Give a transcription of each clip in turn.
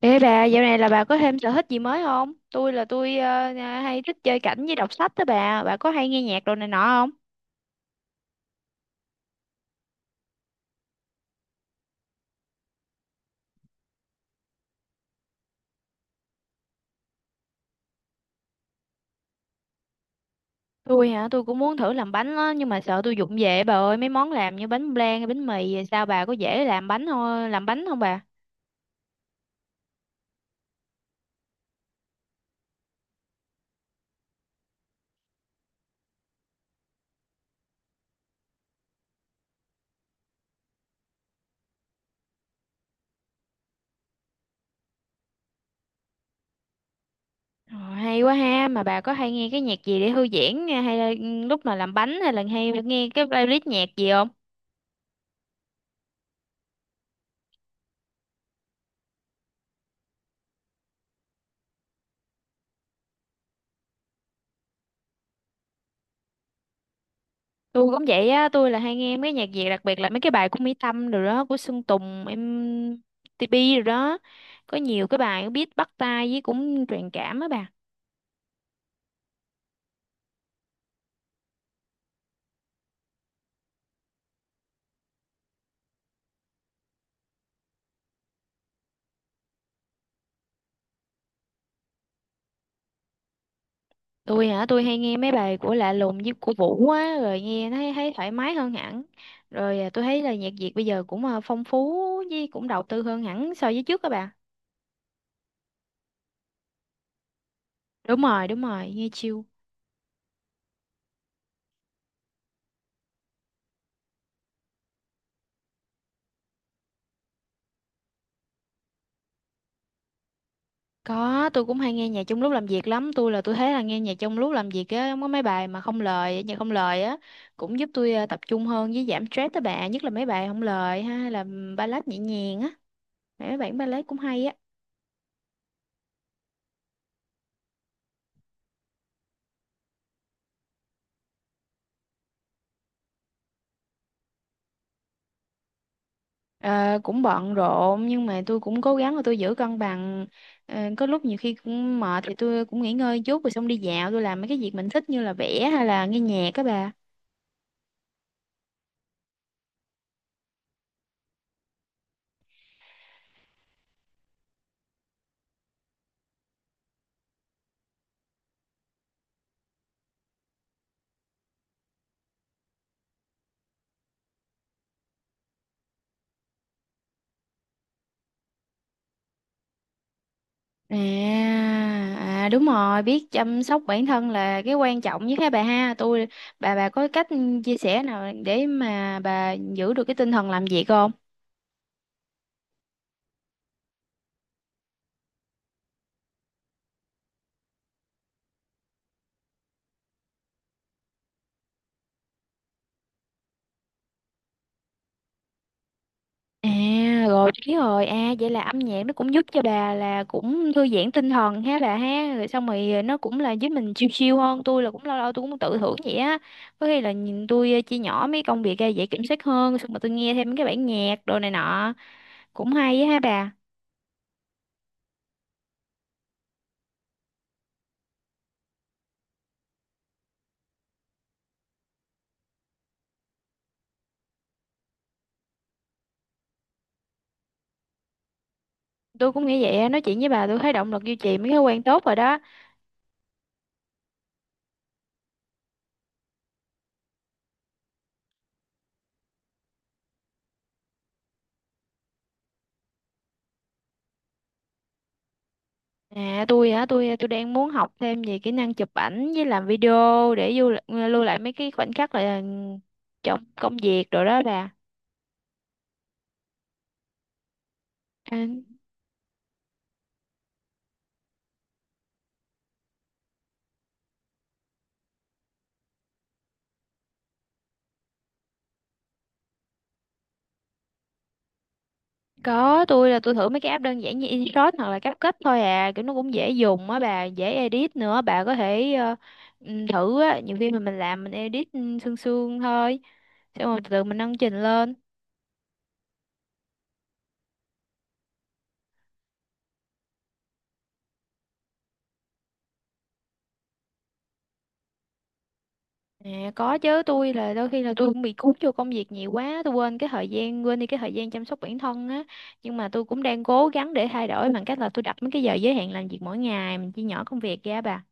Ê bà, dạo này là bà có thêm sở thích gì mới không? Tôi hay thích chơi cảnh với đọc sách đó bà. Bà có hay nghe nhạc đồ này nọ không? Tôi hả, tôi cũng muốn thử làm bánh á, nhưng mà sợ tôi vụng về bà ơi, mấy món làm như bánh flan, bánh mì, sao bà có dễ làm bánh thôi, làm bánh không bà? Ờ, hay quá ha, mà bà có hay nghe cái nhạc gì để thư giãn hay là lúc mà làm bánh hay là hay nghe cái playlist nhạc gì không? Tôi cũng vậy á, tôi là hay nghe mấy nhạc Việt, đặc biệt là mấy cái bài của Mỹ Tâm rồi đó, của Sơn Tùng em TP rồi đó, có nhiều cái bài biết bắt tai với cũng truyền cảm á bà. Tôi hả, tôi hay nghe mấy bài của Lạ Lùng với của Vũ á, rồi nghe thấy thấy thoải mái hơn hẳn. Tôi thấy là nhạc Việt bây giờ cũng phong phú với cũng đầu tư hơn hẳn so với trước các bà. Đúng rồi, đúng rồi, nghe chill. Có, tôi cũng hay nghe nhạc trong lúc làm việc lắm. Tôi là tôi thấy là nghe nhạc trong lúc làm việc á, có mấy bài mà không lời, nhạc không lời á, cũng giúp tôi tập trung hơn với giảm stress tới bạn, nhất là mấy bài không lời ha, hay là ballad nhẹ nhàng á. Mấy bản ballad cũng hay á. Ờ, cũng bận rộn nhưng mà tôi cũng cố gắng là tôi giữ cân bằng. Ờ, có lúc nhiều khi cũng mệt thì tôi cũng nghỉ ngơi chút rồi xong đi dạo, tôi làm mấy cái việc mình thích như là vẽ hay là nghe nhạc các bà. À, à, đúng rồi, biết chăm sóc bản thân là cái quan trọng nhất hả bà ha. Tôi, bà có cách chia sẻ nào để mà bà giữ được cái tinh thần làm việc không? À, rồi biết rồi. À vậy là âm nhạc nó cũng giúp cho bà là cũng thư giãn tinh thần ha bà ha. Rồi xong rồi nó cũng là giúp mình chill chill hơn. Tôi là cũng lâu lâu tôi cũng tự thưởng vậy á. Có khi là nhìn tôi chia nhỏ mấy công việc ra dễ kiểm soát hơn, xong rồi tôi nghe thêm cái bản nhạc đồ này nọ cũng hay á ha bà. Tôi cũng nghĩ vậy á, nói chuyện với bà tôi thấy động lực duy trì mấy thói quen tốt rồi đó. À, tôi hả, tôi đang muốn học thêm về kỹ năng chụp ảnh với làm video để lưu lại mấy cái khoảnh khắc là trong công việc rồi đó bà. À, có, tôi là tôi thử mấy cái app đơn giản như InShot hoặc là CapCut thôi à, kiểu nó cũng dễ dùng á bà, dễ edit nữa, bà có thể thử á. Nhiều khi mà mình làm mình edit sương sương thôi, xong rồi từ từ mình nâng trình lên. À, có chứ, tôi là đôi khi là tôi cũng bị cuốn vô công việc nhiều quá, tôi quên cái thời gian, quên đi cái thời gian chăm sóc bản thân á, nhưng mà tôi cũng đang cố gắng để thay đổi bằng cách là tôi đặt mấy cái giờ giới hạn làm việc mỗi ngày, mình chia nhỏ công việc ra bà.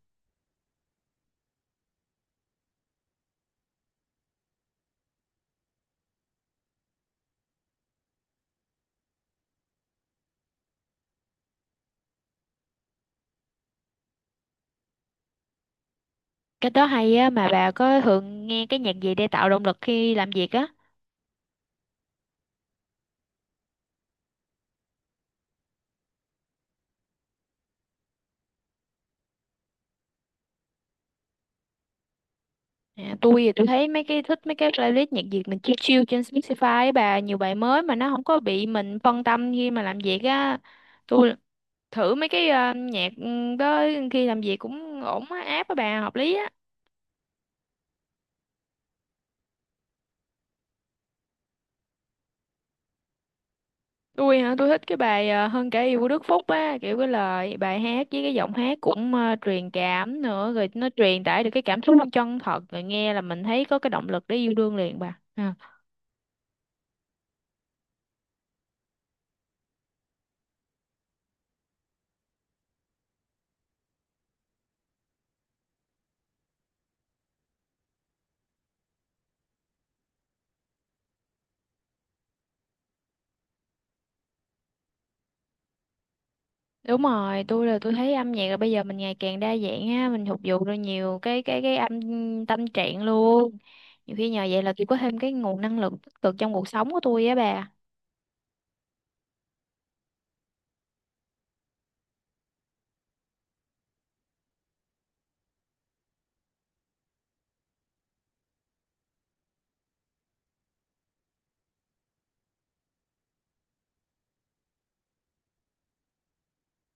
Cái đó hay á, mà bà có thường nghe cái nhạc gì để tạo động lực khi làm việc á? À, tôi thì tôi thấy mấy cái, thích mấy cái playlist nhạc Việt mình chill chill trên Spotify á bà, nhiều bài mới mà nó không có bị mình phân tâm khi mà làm việc á. Tôi thử mấy cái nhạc đó khi làm việc cũng ổn á, app á bà, hợp lý á. Tôi hả, tôi thích cái bài Hơn cả yêu của Đức Phúc á, kiểu cái lời bài hát với cái giọng hát cũng truyền cảm nữa, rồi nó truyền tải được cái cảm xúc chân thật, rồi nghe là mình thấy có cái động lực để yêu đương liền bà. À. Đúng rồi, tôi là tôi thấy âm nhạc là bây giờ mình ngày càng đa dạng á, mình phục vụ được nhiều cái âm tâm trạng luôn. Nhiều khi nhờ vậy là tôi có thêm cái nguồn năng lượng tích cực trong cuộc sống của tôi á bà.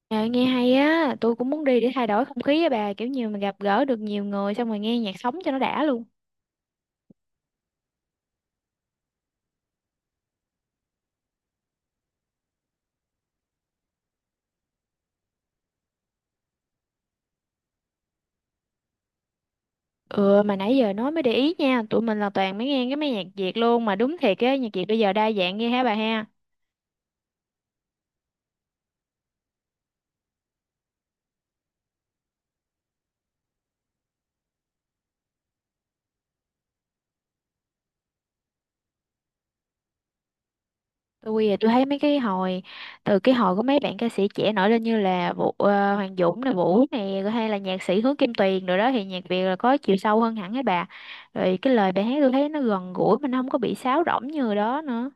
À, nghe hay á, tôi cũng muốn đi để thay đổi không khí á bà, kiểu như mình gặp gỡ được nhiều người xong rồi nghe nhạc sống cho nó đã luôn. Ừ, mà nãy giờ nói mới để ý nha, tụi mình là toàn mới nghe cái mấy nhạc Việt luôn. Mà đúng thiệt á, nhạc Việt bây giờ đa dạng ghê hả bà ha. Tôi thì tôi thấy mấy cái hồi Từ cái hồi có mấy bạn ca sĩ trẻ nổi lên, như là Vũ, Hoàng Dũng này, Vũ này rồi hay là nhạc sĩ Hứa Kim Tuyền rồi đó, thì nhạc Việt là có chiều sâu hơn hẳn ấy bà. Rồi cái lời bài hát tôi thấy nó gần gũi, mà nó không có bị sáo rỗng như đó nữa.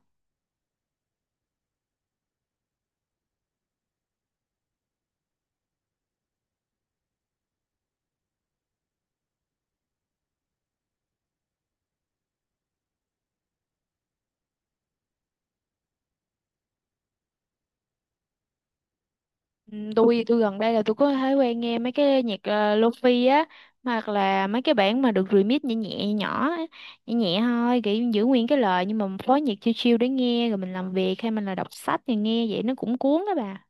Ừ, tôi gần đây là tôi có thói quen nghe mấy cái nhạc lofi á, hoặc là mấy cái bản mà được remix nhẹ nhẹ nhỏ á, nhẹ nhẹ thôi, kiểu giữ nguyên cái lời nhưng mà phối nhạc chill chill để nghe rồi mình làm việc hay mình là đọc sách thì nghe vậy nó cũng cuốn đó bà.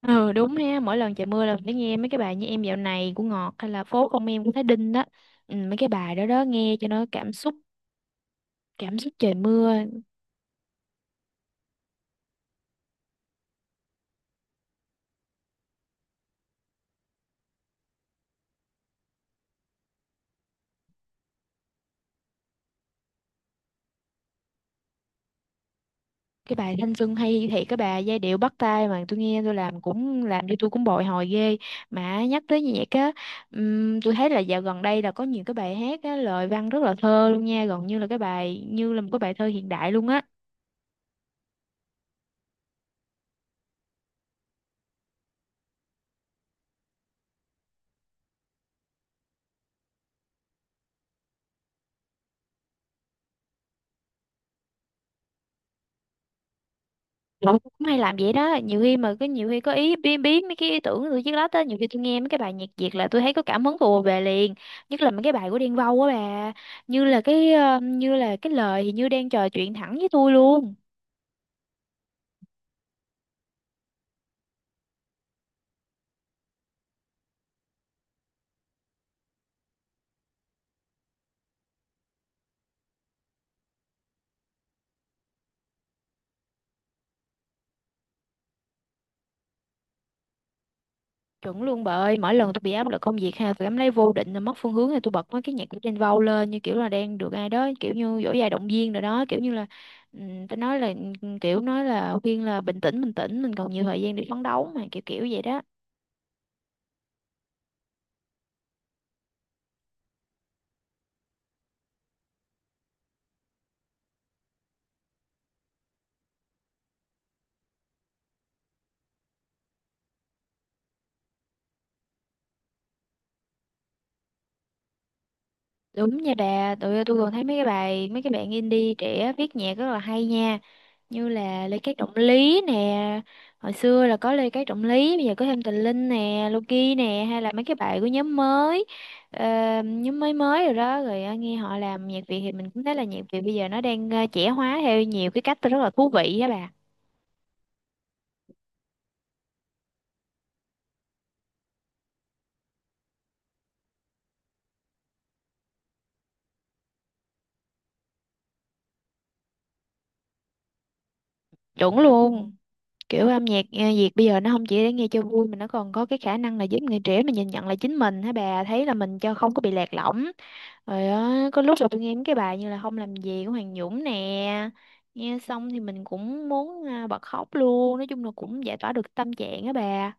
Ừ đúng ha, mỗi lần trời mưa là phải nghe mấy cái bài như Em dạo này của Ngọt hay là Phố không em của Thái Đinh đó. Ừ, mấy cái bài đó đó nghe cho nó cảm xúc, cảm xúc trời mưa. Cái bài Thanh Xuân hay thiệt, cái bài giai điệu bắt tai mà tôi nghe tôi làm cũng làm cho tôi cũng bồi hồi ghê. Mà nhắc tới nhạc á, tôi thấy là dạo gần đây là có nhiều cái bài hát á lời văn rất là thơ luôn nha, gần như là cái bài như là một cái bài thơ hiện đại luôn á. Tôi cũng hay làm vậy đó, nhiều khi mà cái nhiều khi có ý biến biến mấy cái ý tưởng của tôi chiếc lát á, nhiều khi tôi nghe mấy cái bài nhạc Việt là tôi thấy có cảm hứng tôi về liền, nhất là mấy cái bài của Đen Vâu á bà, như là cái như là cái lời thì như đang trò chuyện thẳng với tôi luôn. Chuẩn luôn bà ơi, mỗi lần tôi bị áp lực công việc ha, tôi cảm thấy vô định là mất phương hướng thì tôi bật mấy cái nhạc của Trên Vâu lên, như kiểu là đang được ai đó kiểu như dỗ dài động viên rồi đó, kiểu như là tôi nói là kiểu nói là khuyên là bình tĩnh, mình còn nhiều thời gian để phấn đấu mà, kiểu kiểu vậy đó. Đúng nha bà, tụi tôi còn thấy mấy cái bài mấy cái bạn indie trẻ viết nhạc rất là hay nha. Như là Lê Cát Trọng Lý nè, hồi xưa là có Lê Cát Trọng Lý, bây giờ có thêm Tình Linh nè, Loki nè, hay là mấy cái bài của nhóm mới, ờ, nhóm mới mới rồi đó, rồi nghe họ làm nhạc Việt thì mình cũng thấy là nhạc Việt bây giờ nó đang trẻ hóa theo nhiều cái cách rất là thú vị á bà. Chuẩn luôn. Kiểu âm nhạc Việt bây giờ nó không chỉ để nghe cho vui mà nó còn có cái khả năng là giúp người trẻ mình nhìn nhận lại chính mình hả bà, thấy là mình cho không có bị lạc lõng rồi á. Có lúc là tôi nghe mấy cái bài như là Không làm gì của Hoàng Dũng nè, nghe xong thì mình cũng muốn bật khóc luôn, nói chung là cũng giải tỏa được tâm trạng á bà.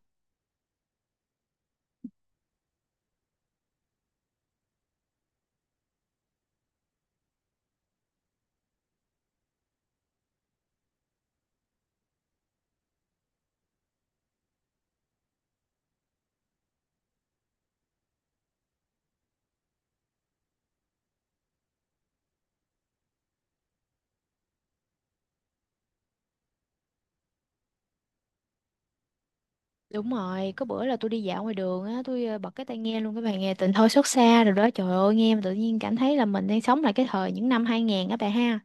Đúng rồi, có bữa là tôi đi dạo ngoài đường á, tôi bật cái tai nghe luôn cái bài nghe Tình thôi xót xa rồi đó, trời ơi nghe mà tự nhiên cảm thấy là mình đang sống lại cái thời những năm 2000 á bà ha.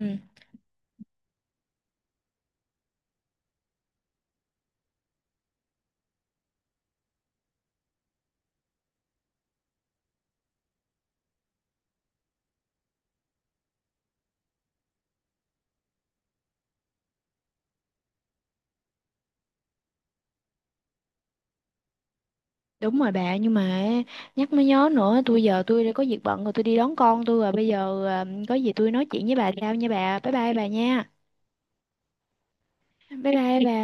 Ừ. Đúng rồi bà, nhưng mà nhắc mới nhớ nữa, tôi giờ tôi đã có việc bận rồi, tôi đi đón con tôi rồi, bây giờ có gì tôi nói chuyện với bà sau nha bà, bye bye bà nha, bye bye bà